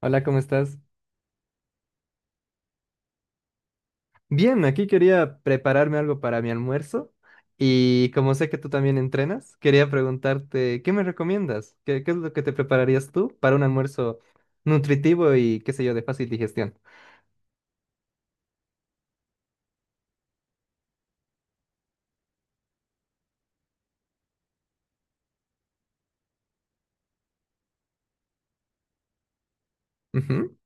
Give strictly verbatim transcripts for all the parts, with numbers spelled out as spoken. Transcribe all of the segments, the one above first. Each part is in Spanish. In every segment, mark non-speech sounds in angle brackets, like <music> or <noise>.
Hola, ¿cómo estás? Bien, aquí quería prepararme algo para mi almuerzo y como sé que tú también entrenas, quería preguntarte, ¿qué me recomiendas? ¿Qué, qué es lo que te prepararías tú para un almuerzo nutritivo y qué sé yo, de fácil digestión? Ujú.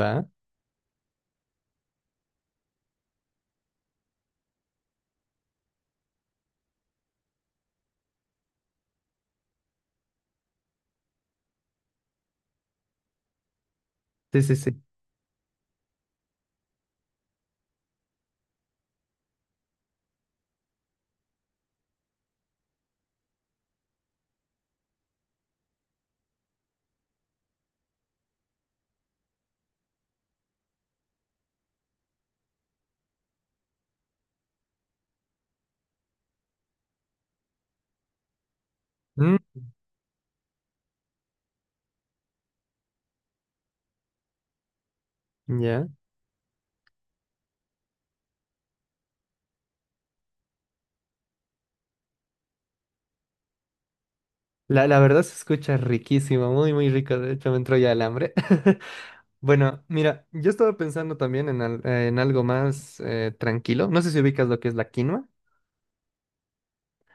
Va. Sí, sí, sí. Mm. Ya. La, la verdad se escucha riquísimo, muy, muy rico. De hecho, me entró ya el hambre. <laughs> Bueno, mira, yo estaba pensando también en, al- eh, en algo más eh, tranquilo. No sé si ubicas lo que es la quinoa.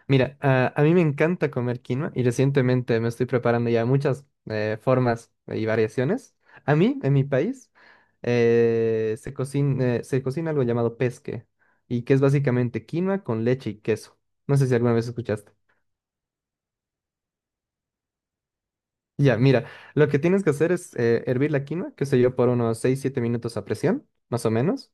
Mira, a, a mí me encanta comer quinoa y recientemente me estoy preparando ya muchas eh, formas y variaciones. A mí, en mi país, eh, se cocina, se cocina algo llamado pesque y que es básicamente quinoa con leche y queso. No sé si alguna vez escuchaste. Ya, mira, lo que tienes que hacer es eh, hervir la quinoa, qué sé yo, por unos seis siete minutos a presión, más o menos.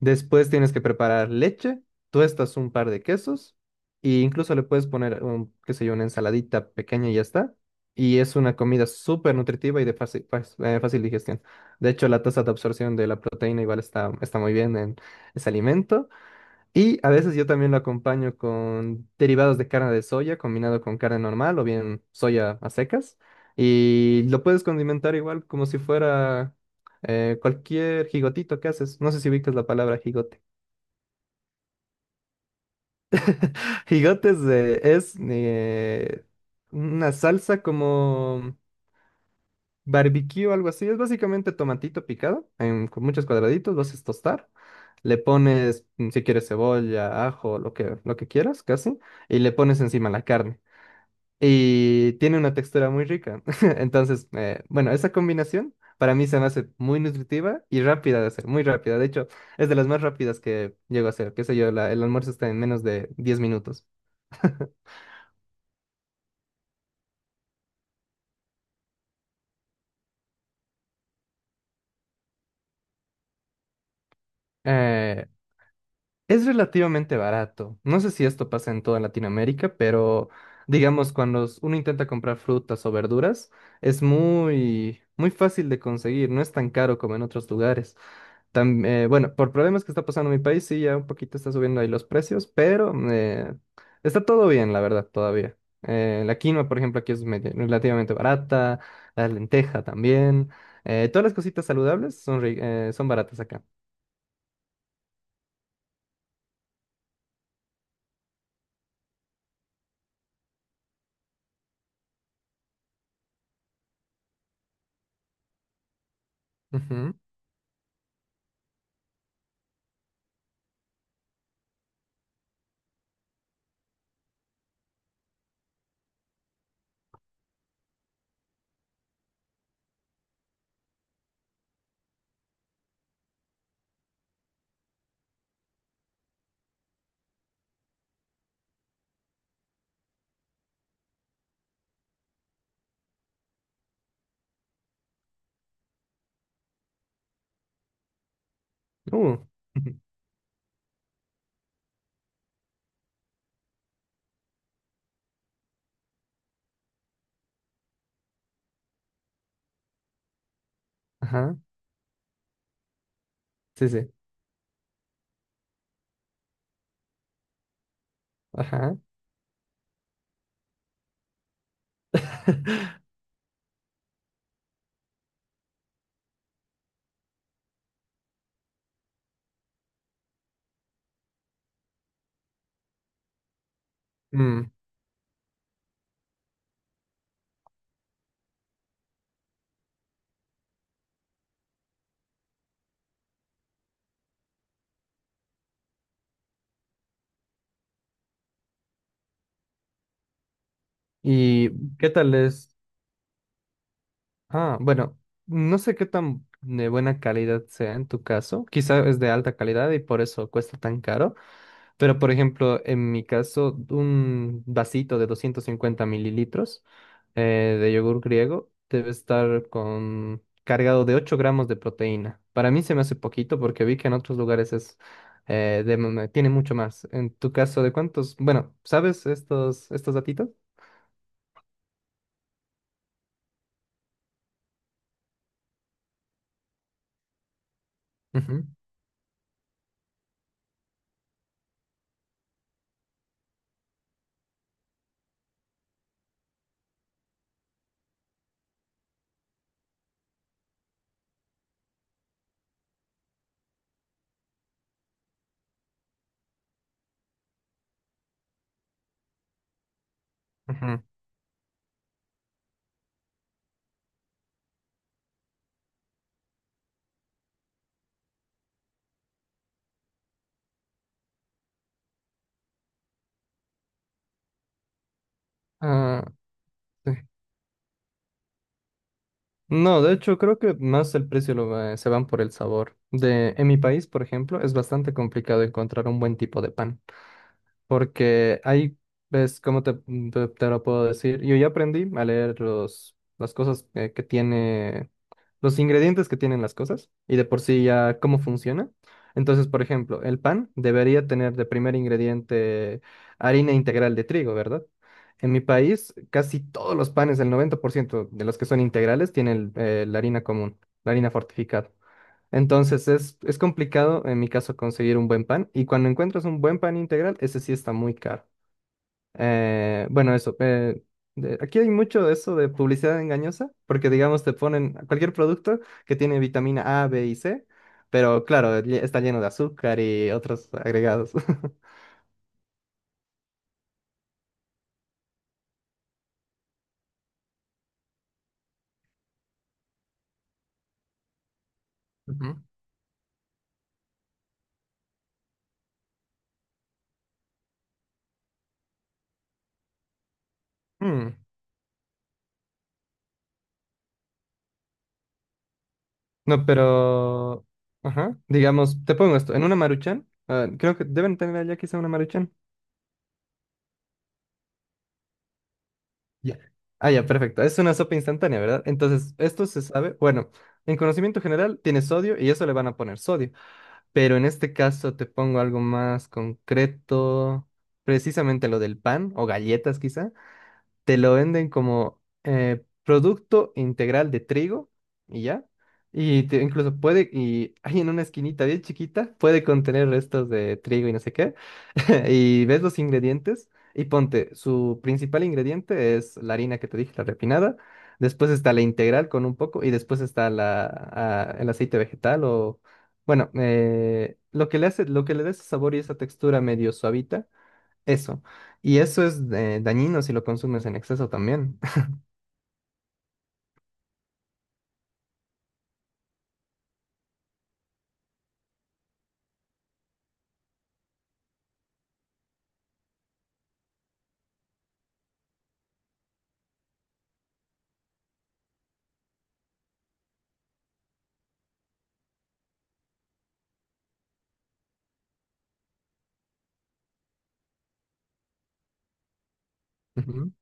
Después tienes que preparar leche, tuestas un par de quesos e incluso le puedes poner, un, qué sé yo, una ensaladita pequeña y ya está. Y es una comida súper nutritiva y de fácil, fácil, eh, fácil digestión. De hecho, la tasa de absorción de la proteína igual está, está muy bien en ese alimento. Y a veces yo también lo acompaño con derivados de carne de soya combinado con carne normal o bien soya a secas. Y lo puedes condimentar igual como si fuera eh, cualquier gigotito que haces. No sé si ubicas la palabra jigote. <laughs> Jigote es, eh, es, eh, una salsa como barbecue o algo así. Es básicamente tomatito picado en- con muchos cuadraditos. Lo haces tostar. Le pones, mm, si quieres, cebolla, ajo, lo que, lo que quieras, casi. Y le pones encima la carne y tiene una textura muy rica. <laughs> Entonces, eh, bueno, esa combinación para mí se me hace muy nutritiva y rápida de hacer, muy rápida. De hecho, es de las más rápidas que llego a hacer. Qué sé yo, la- el almuerzo está en menos de diez minutos. <laughs> Eh, es relativamente barato. No sé si esto pasa en toda Latinoamérica, pero digamos, cuando s- uno intenta comprar frutas o verduras, es muy, muy fácil de conseguir, no es tan caro como en otros lugares. Tam- eh, bueno, por problemas que está pasando en mi país, sí, ya un poquito está subiendo ahí los precios, pero eh, está todo bien, la verdad, todavía. Eh, la quinoa, por ejemplo, aquí es medio- relativamente barata, la lenteja también. Eh, todas las cositas saludables son, ri- eh, son baratas acá. Ujú. Uh, <laughs> Ajá, sí, sí, ajá. <laughs> Mm, ¿Y qué tal es? Ah, bueno, no sé qué tan de buena calidad sea en tu caso. Quizá es de alta calidad y por eso cuesta tan caro. Pero, por ejemplo, en mi caso, un vasito de doscientos cincuenta mililitros eh, de yogur griego debe estar con, cargado de ocho gramos de proteína. Para mí se me hace poquito porque vi que en otros lugares es, eh, de m- tiene mucho más. En tu caso, ¿de cuántos? Bueno, ¿sabes estos, estos datitos? Ujú, ujú. Ah, sí. No, de hecho, creo que más el precio lo va- se van por el sabor. De, en mi país, por ejemplo, es bastante complicado encontrar un buen tipo de pan. Porque ahí, ves, ¿cómo te, te, te lo puedo decir? Yo ya aprendí a leer los, las cosas que, que tiene, los ingredientes que tienen las cosas y de por sí ya cómo funciona. Entonces, por ejemplo, el pan debería tener de primer ingrediente harina integral de trigo, ¿verdad? En mi país, casi todos los panes, el noventa por ciento de los que son integrales, tienen eh, la harina común, la harina fortificada. Entonces es, es complicado en mi caso conseguir un buen pan y cuando encuentras un buen pan integral, ese sí está muy caro. Eh, bueno, eso. Eh, de- aquí hay mucho de eso de publicidad engañosa porque digamos te ponen cualquier producto que tiene vitamina A, B y C, pero claro, lle- está lleno de azúcar y otros agregados. <laughs> Ujú. Mm. No, pero... Ajá. Digamos, te pongo esto, en una Maruchan, ah, creo que deben tener allá quizá una Maruchan. Ya. Ah, ya, perfecto. Es una sopa instantánea, ¿verdad? Entonces, esto se sabe. Bueno, en conocimiento general tiene sodio y eso le van a poner sodio. Pero en este caso te pongo algo más concreto, precisamente lo del pan o galletas quizá te lo venden como eh, producto integral de trigo y ya. Y te- incluso puede, y <laughs> ahí en una esquinita bien chiquita, puede contener restos de trigo y no sé qué. <laughs> Y ves los ingredientes y ponte, su principal ingrediente es la harina que te dije, la refinada. Después está la integral con un poco y después está la, ah, el aceite vegetal o, bueno, eh, lo que le hace, lo que le da ese sabor y esa textura medio suavita eso. Y eso es eh, dañino si lo consumes en exceso también. <laughs> Ujú,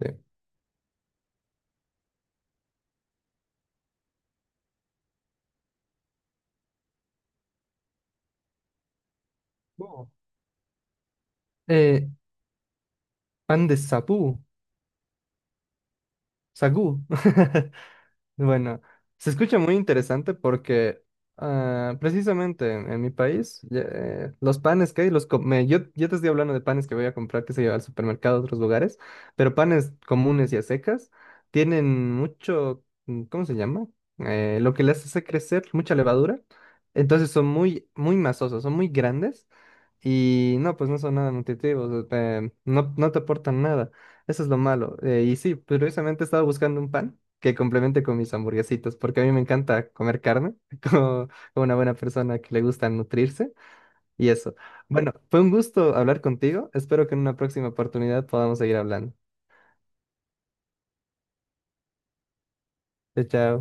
sí. No. Eh, pan de sapú, sagú. <laughs> Bueno, se escucha muy interesante porque ah, precisamente en, en mi país ya, eh, los panes que hay, los co- me- yo, yo te estoy hablando de panes que voy a comprar, que se lleva al supermercado a otros lugares, pero panes comunes y a secas tienen mucho, mm, ¿cómo se llama? Eh, lo que les hace crecer, mucha levadura. Entonces son muy, muy masosos, son muy grandes y no, pues no son nada nutritivos, eh, no, no te aportan nada. Eso es lo malo. Eh, y sí, precisamente estaba buscando un pan que complemente con mis hamburguesitas, porque a mí me encanta comer carne, <laughs> como, como una buena persona que le gusta nutrirse y eso. Bueno, fue un gusto hablar contigo. Espero que en una próxima oportunidad podamos seguir hablando. Chao. Chao.